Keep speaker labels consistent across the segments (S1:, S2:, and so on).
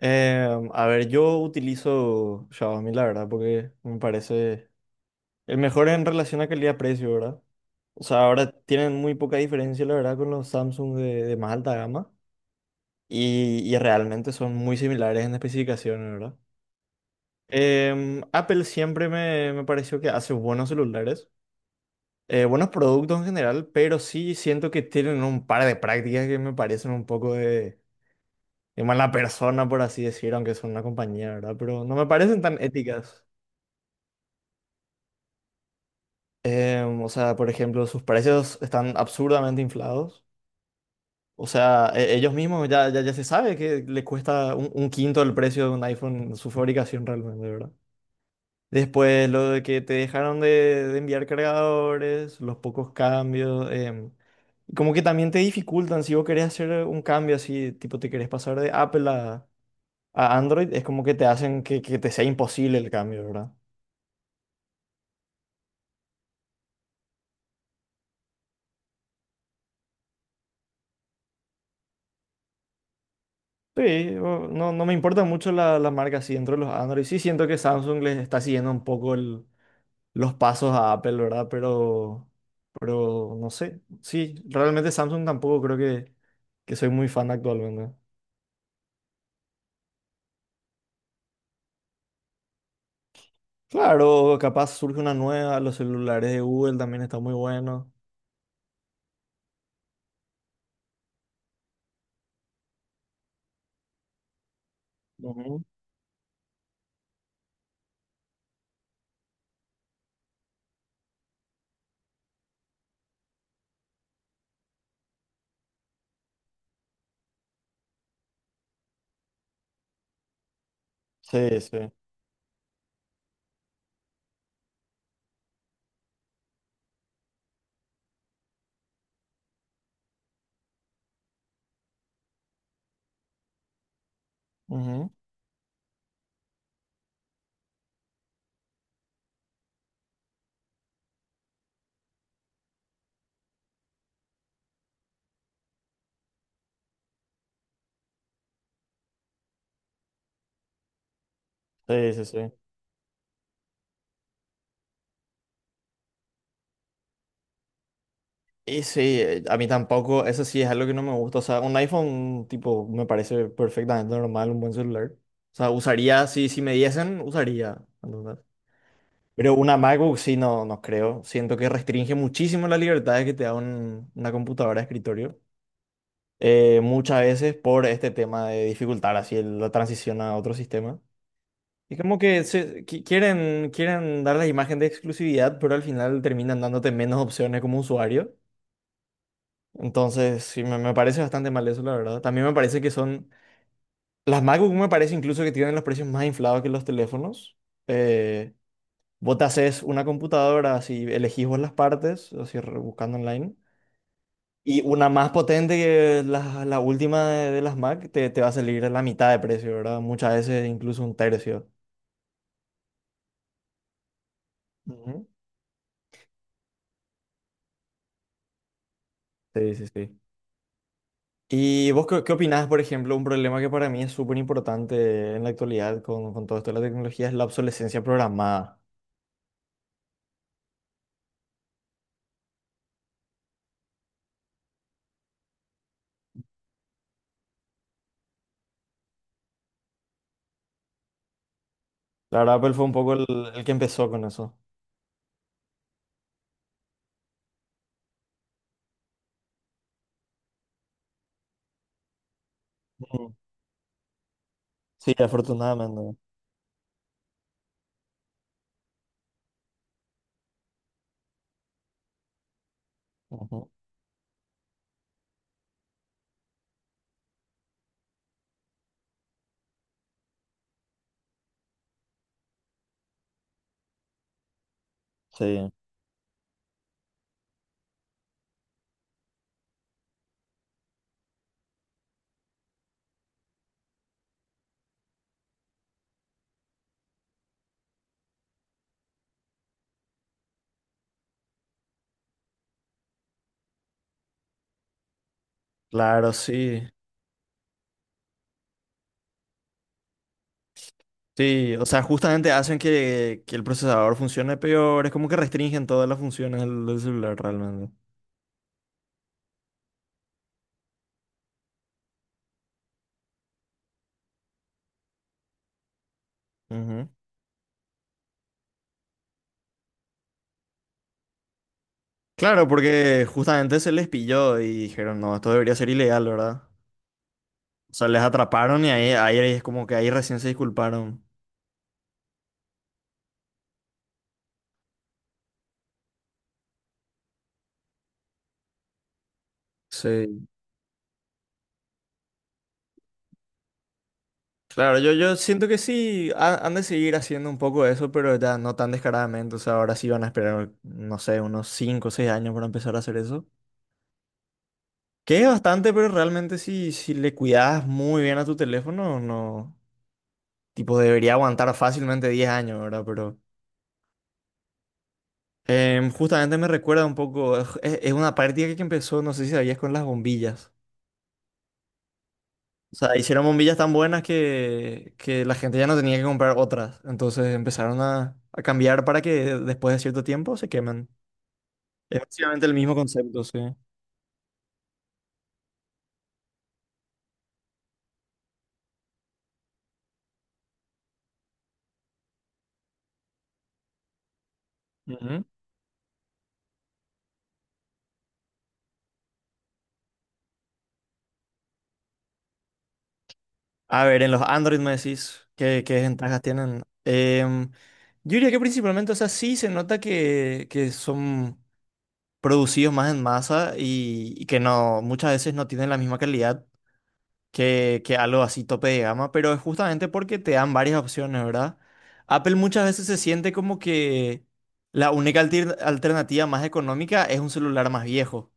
S1: A ver, yo utilizo Xiaomi, la verdad, porque me parece el mejor en relación a calidad-precio, ¿verdad? O sea, ahora tienen muy poca diferencia, la verdad, con los Samsung de más alta gama y realmente son muy similares en especificaciones, ¿verdad? Apple siempre me pareció que hace buenos celulares, buenos productos en general, pero sí siento que tienen un par de prácticas que me parecen un poco de mala persona, por así decir, aunque son una compañía, ¿verdad? Pero no me parecen tan éticas. O sea, por ejemplo, sus precios están absurdamente inflados. O sea, ellos mismos ya se sabe que le cuesta un quinto el precio de un iPhone su fabricación realmente, ¿verdad? Después, lo de que te dejaron de enviar cargadores, los pocos cambios, y como que también te dificultan si vos querés hacer un cambio así, tipo te querés pasar de Apple a Android, es como que te hacen que te sea imposible el cambio, ¿verdad? Sí, o- no, no me importa mucho la marca así dentro de los Android. Sí, siento que Samsung les está siguiendo un poco el- los pasos a Apple, ¿verdad? Pero no sé. Sí, realmente Samsung tampoco creo que soy muy fan actualmente. Claro, capaz surge una nueva, los celulares de Google también están muy buenos. Ujú. Sí, sí. Ujú. Sí, sí, sí. Y sí, a mí tampoco, eso sí es algo que no me gusta. O sea, un iPhone, tipo, me parece perfectamente normal, un buen celular. O sea, usaría, si, si me diesen, usaría. ¿Entendés? Pero una MacBook sí, no, no creo. Siento que restringe muchísimo las libertades que te da un- una computadora de escritorio. Muchas veces por este tema de dificultar así el- la transición a otro sistema. Y como que se- qui- quieren dar la imagen de exclusividad, pero al final terminan dándote menos opciones como usuario. Entonces, sí, me parece bastante mal eso, la verdad. También me parece que son... Las MacBook me parece incluso que tienen los precios más inflados que los teléfonos. Eh, Vos te haces una computadora, así elegís vos las partes, así re- buscando online. Y una más potente que la última de las Mac te va a salir a la mitad de precio, ¿verdad? Muchas veces incluso un tercio. Ujú. Sí, sí, sí. ¿Y vos qué opinás, por ejemplo, un problema que para mí es súper importante en la actualidad con todo esto de la tecnología es la obsolescencia programada? La verdad, Apple fue un poco el que empezó con eso. Ujú. Sí, afortunadamente. Ujú. Sí. Claro, sí. Sí, o sea, justamente hacen que el procesador funcione peor, es como que restringen todas las funciones del, del celular realmente. Ujú. Claro, porque justamente se les pilló y dijeron, no, esto debería ser ilegal, ¿verdad? O sea, les atraparon y ahí, ahí es como que ahí recién se disculparon. Sí. Claro, yo siento que sí ha- han de seguir haciendo un poco eso, pero ya no tan descaradamente. O sea, ahora sí van a esperar, no sé, unos 5 o 6 años para empezar a hacer eso. Que es bastante, pero realmente si, si le cuidas muy bien a tu teléfono, no. Tipo, debería aguantar fácilmente 10 años, ¿verdad? Pero justamente me recuerda un poco, es una práctica que empezó, no sé si sabías, con las bombillas. O sea, hicieron bombillas tan buenas que la gente ya no tenía que comprar otras. Entonces empezaron a cambiar para que después de cierto tiempo se quemen. Es básicamente el mismo concepto, sí. Ujú. A ver, en los Android me decís qué ventajas tienen. Yo diría que principalmente, o sea, sí se nota que son producidos más en masa y que no, muchas veces no tienen la misma calidad que algo así tope de gama, pero es justamente porque te dan varias opciones, ¿verdad? Apple muchas veces se siente como que la única altir- alternativa más económica es un celular más viejo.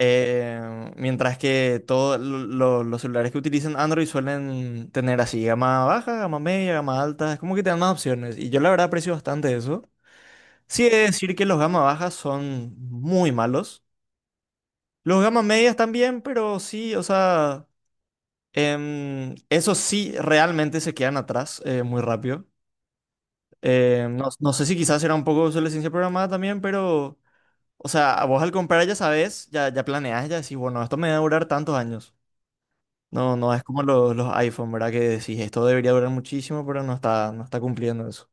S1: Mientras que todos los celulares que utilizan Android suelen tener así gama baja, gama media, gama alta, es como que te dan más opciones. Y yo la verdad aprecio bastante eso. Sí, he de decir que los gama bajas son muy malos. Los gama medias también, pero sí, o sea... Eso sí, realmente se quedan atrás muy rápido. No, no sé si quizás era un poco sobre la programada también, pero, o sea, vos al comprar ya sabes, ya planeas, ya decís, bueno, esto me va a durar tantos años. No, no es como los iPhone, ¿verdad? Que decís, esto debería durar muchísimo, pero no está, no está cumpliendo eso.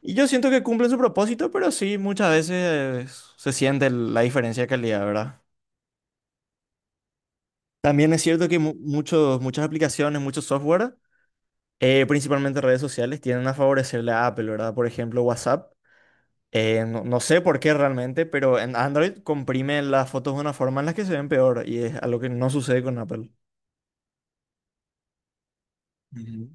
S1: Y yo siento que cumplen su propósito, pero sí, muchas veces se siente el- la diferencia de calidad, ¿verdad? También es cierto que mu- muchos, muchas aplicaciones, muchos software principalmente redes sociales, tienden a favorecerle a Apple, ¿verdad? Por ejemplo, WhatsApp. No, no sé por qué realmente, pero en Android comprime las fotos de una forma en la que se ven peor y es algo que no sucede con Apple. Ujú.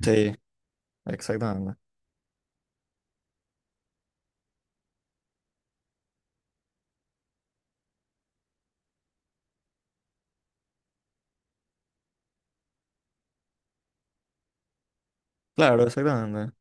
S1: Sí, exactamente. Claro, exactamente.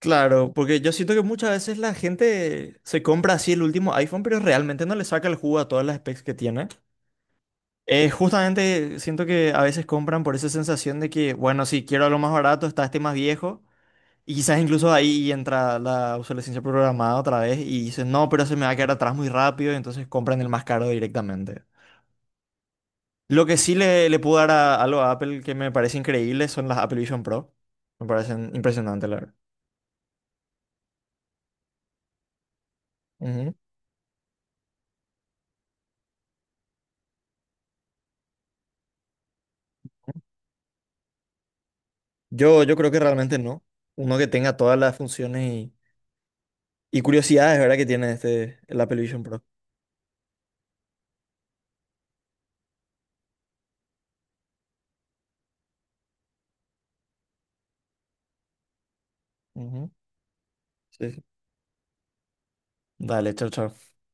S1: Claro, porque yo siento que muchas veces la gente se compra así el último iPhone, pero realmente no le saca el jugo a todas las specs que tiene. Justamente siento que a veces compran por esa sensación de que, bueno, si quiero algo más barato, está este más viejo. Y quizás incluso ahí entra la obsolescencia programada otra vez y dicen, no, pero se me va a quedar atrás muy rápido, y entonces compran el más caro directamente. Lo que sí le puedo dar a, algo a Apple que me parece increíble son las Apple Vision Pro. Me parecen impresionantes, la verdad. Ujú. Yo creo que realmente no. Uno que tenga todas las funciones y curiosidades, ¿verdad? Que tiene este, el Apple Vision Pro. Ujú. Sí, sí. Dale, chao, chao.